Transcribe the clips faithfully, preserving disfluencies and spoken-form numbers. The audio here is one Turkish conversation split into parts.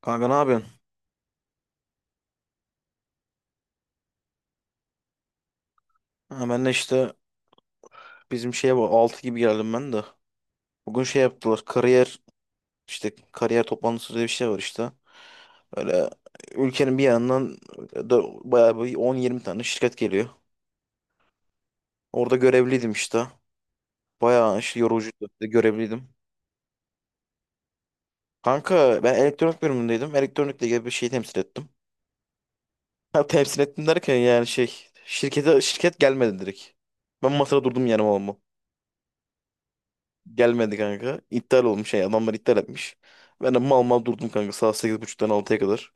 Kanka ne yapıyorsun? Ha, ben de işte bizim şeye bu altı gibi geldim ben de. Bugün şey yaptılar kariyer işte kariyer toplantısı diye bir şey var işte. Öyle ülkenin bir yanından e, dö- bayağı bir on yirmi tane şirket geliyor. Orada görevliydim işte. Bayağı işte yorucuydu. Görevliydim. Kanka ben elektronik bölümündeydim. Elektronikle ilgili bir şey temsil ettim. Ha, temsil ettim derken yani şey şirkete şirket gelmedi direkt. Ben masada durdum yani oğlum. Gelmedi kanka. İptal olmuş şey adamlar iptal etmiş. Ben de mal mal durdum kanka saat sekiz buçuktan altıya kadar.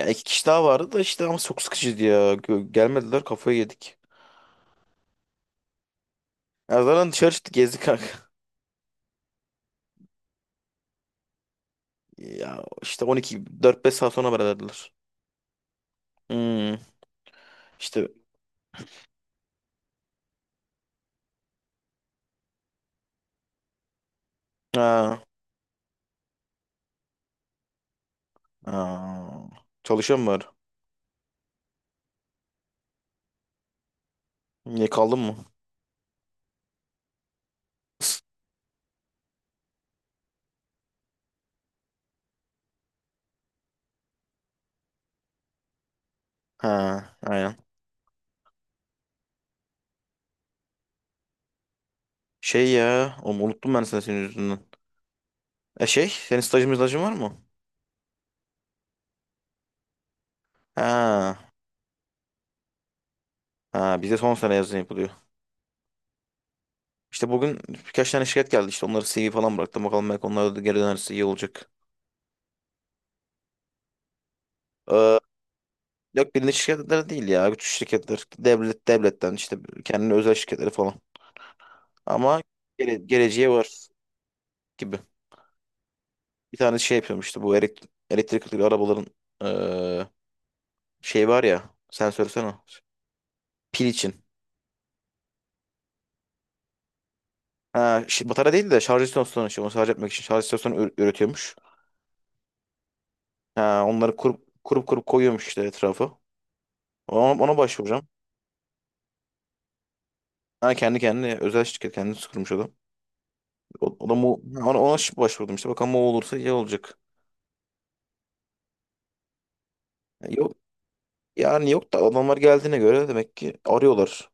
Ya iki kişi daha vardı da işte ama çok sıkıcıydı ya. Gö- Gelmediler kafayı yedik. Ya zaten dışarı çıktık gezdik kanka. Ya işte on iki dört beş saat sonra haber verdiler. Hmm, işte ha, ha. Çalışıyor mu var? Niye kaldın mı? Ha, aynen. Şey ya, oğlum unuttum ben seni senin yüzünden. E şey, senin stajın stajın var mı? Ha, ha bize son sene yazın yapılıyor. İşte bugün birkaç tane şirket geldi. İşte onları se ve falan bıraktım. Bakalım belki onlar da geri dönerse iyi olacak. Ee, yok bilindik şirketler değil ya. Güç şirketler. Devlet, devletten işte kendine özel şirketleri falan. Ama gele, geleceği var gibi. Bir tane şey yapıyorum işte bu elek- elektrikli arabaların ee, şey var ya. Sen söylesene. Pil için. Ha, şi- batarya değil de şarj istasyonu. İşte onu şarj etmek için şarj istasyonu ür- üretiyormuş. Ha, onları kurup kurup kurup koyuyormuş işte etrafı. Ona, ona başvuracağım. Ha, kendi kendine özel şirket kendisi kurmuş adam. O, o da mu ona, ona şıp başvurdum işte. Bakalım o olursa iyi olacak. Ya yok yani yok da adamlar geldiğine göre demek ki arıyorlar.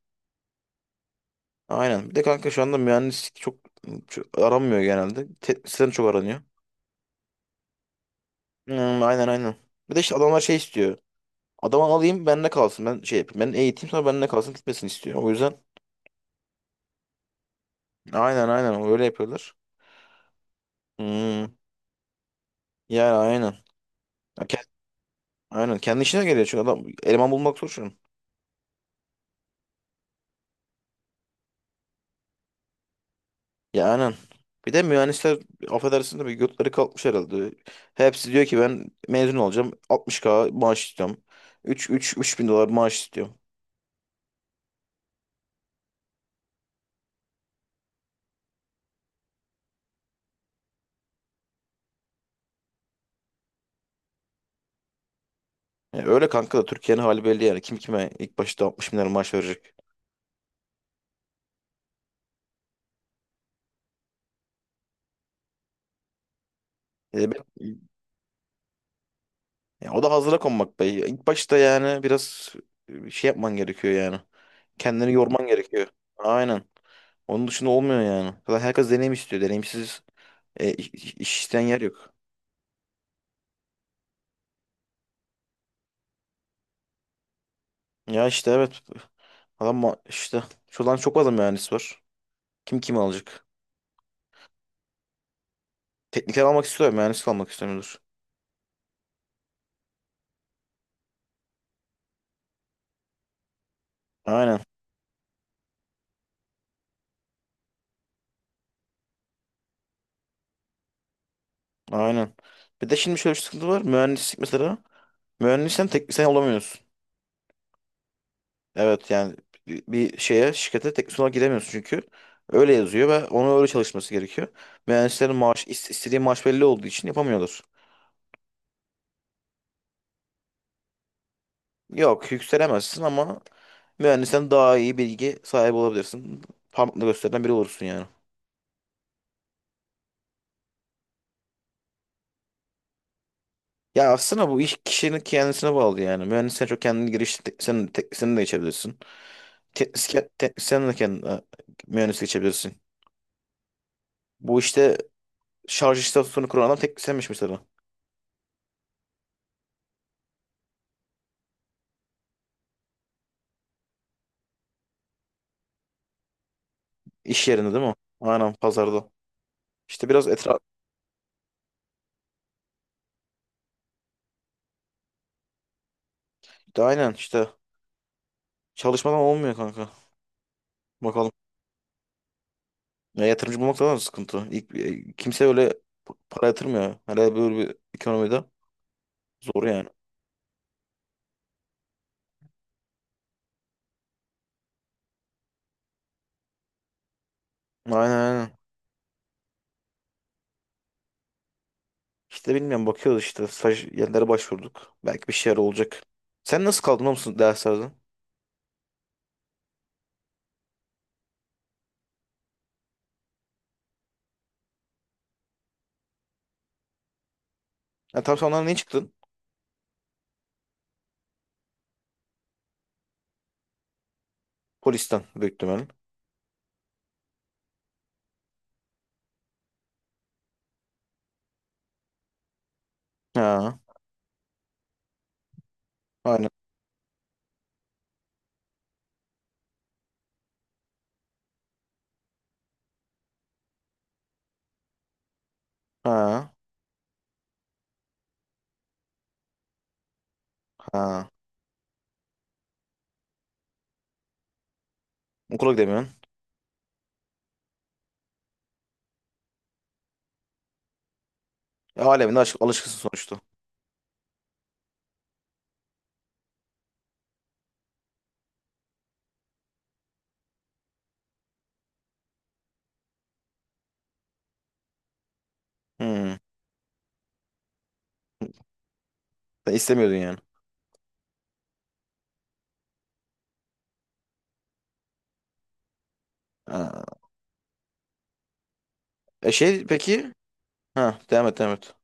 Aynen. Bir de kanka şu anda mühendislik çok, çok aranmıyor genelde. Teknisyen çok aranıyor. Hmm, aynen aynen. Bir de işte adamlar şey istiyor. Adamı alayım benimle kalsın. Ben şey yapayım. Ben eğiteyim sonra benimle kalsın gitmesin istiyor. O yüzden aynen aynen öyle yapıyorlar. Hmm, yani aynen. Ya ke- aynen. Kendi işine geliyor çünkü adam eleman bulmak zor şu an. Ya aynen. Bir de mühendisler affedersin de bir götleri kalkmış herhalde. Hepsi diyor ki ben mezun olacağım. altmış K maaş istiyorum. 3 3 bin dolar maaş istiyorum. Ya öyle kanka da Türkiye'nin hali belli yani. Kim kime ilk başta altmış bin lira maaş verecek. E, ben- ya o da hazıra konmak be. İlk başta yani biraz e, şey yapman gerekiyor yani. Kendini yorman gerekiyor. Aynen. Onun dışında olmuyor yani. Zaten herkes deneyim istiyor. Deneyimsiz e, iş, iş isteyen yer yok. Ya işte evet. Adam ma- işte şuradan çok fazla mühendis var. Kim kimi alacak? Tekniker almak istiyor, mühendis almak istemiyordur. Aynen, aynen. Bir de şimdi şöyle bir sıkıntı var. Mühendislik mesela. Mühendisten teknisyen olamıyorsun. Evet yani bir bir şeye, şirkete teknisyen olarak giremiyorsun çünkü. Öyle yazıyor ve ona öyle çalışması gerekiyor. Mühendislerin maaş, is- istediği maaş belli olduğu için yapamıyorlar. Yok, yükselemezsin ama mühendisten daha iyi bilgi sahibi olabilirsin. Parmakla gösterilen biri olursun yani. Ya aslında bu iş kişinin kendisine bağlı yani. Mühendisliğe çok kendini girişti. Sen, te, sen de geçebilirsin. Teknisyen, teknisyen de kendine mühendislik geçebilirsin. Bu işte şarj istasyonu kuran adam teknisyenmiş mesela. İş yerinde değil mi? Aynen pazarda. İşte biraz etraf. De aynen işte çalışmadan olmuyor kanka. Bakalım. Ya yatırımcı bulmak da sıkıntı. İlk, e, kimse öyle para yatırmıyor. Hele böyle bir ekonomide zor yani. Aynen aynen. İşte bilmiyorum bakıyoruz işte staj yerlere başvurduk. Belki bir şeyler olacak. Sen nasıl kaldın o musun derslerden? Ha, tam sonradan ne çıktın? Polisten büyük ihtimalle. Ha, aynen. Ha, ha. Okula gidemiyorsun. E, aleminde alış alışkısın sonuçta. Hmm. Sen istemiyordun yani. Ha. E şey peki? Ha, devam et devam et.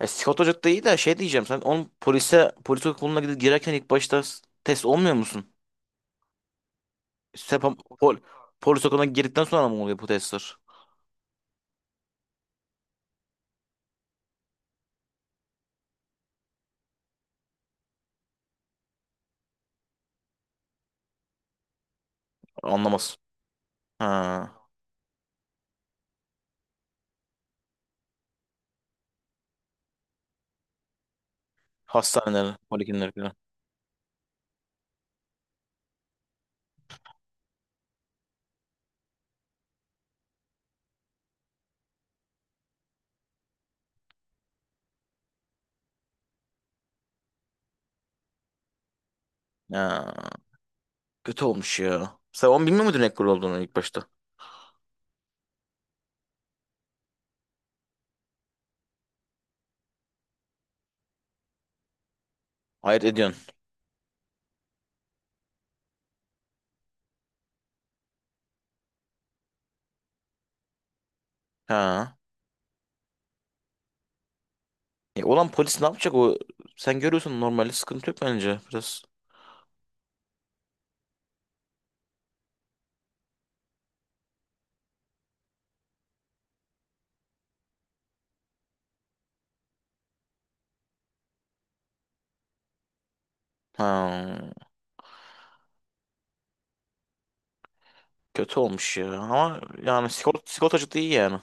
E, Scott Hoca da iyi de şey diyeceğim. Sen onun polise, polis okuluna gidip girerken ilk başta s- test olmuyor musun? Sepam, pol, polis okuluna girdikten sonra mı oluyor bu testler? Anlamaz. Ha. Hastaneler, poliklinler falan. Ya, kötü olmuş ya. Sen onu bilmiyor muydun ekol olduğunu ilk başta? Ayırt ediyorsun. Ha. E, olan polis ne yapacak o? Sen görüyorsun normalde sıkıntı yok bence biraz. Ha. Kötü olmuş ya. Ama yani sigorta, sigortacı da iyi yani.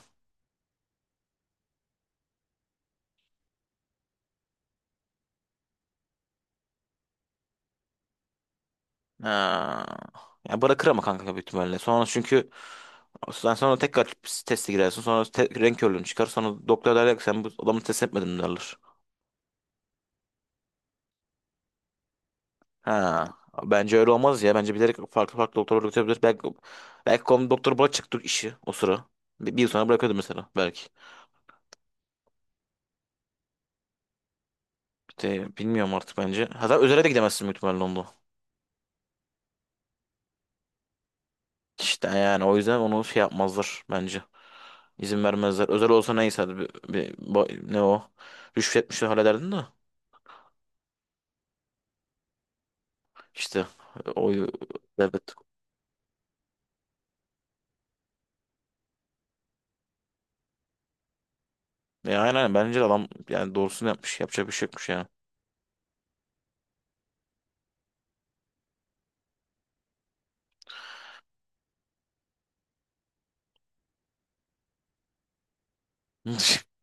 Ha. Ya bırakır ama kanka büyük ihtimalle. Sonra çünkü sen sonra tekrar teste girersin. Sonra te- renk körlüğün çıkar. Sonra doktor derler ki sen bu adamı test etmedin derler. Ha, bence öyle olmaz ya. Bence bilerek farklı farklı doktorlar üretebilir. Belki, belki konu doktor bırakacaktık işi o sıra. Bir, bir yıl sonra bırakıyordu mesela belki. İşte bilmiyorum artık bence. Hatta özele de gidemezsin büyük ihtimalle onda. İşte yani o yüzden onu şey yapmazlar bence. İzin vermezler. Özel olsa neyse hadi bir, bir- ba- ne o? Rüşvetmişler hallederdin de. İşte o devlet. E, aynen aynen. Bence de adam yani doğrusunu yapmış. Yapacak bir şey yokmuş yani.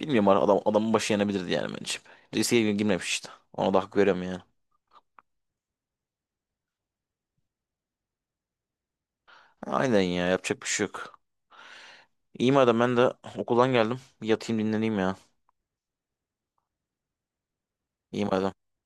Bilmiyorum adam, adamın başı yanabilirdi yani bence. Riske girmemiş işte. Ona da hak veriyorum yani. Aynen ya yapacak bir şey yok. İyi madem ben de okuldan geldim. Bir yatayım dinleneyim ya. İyi madem.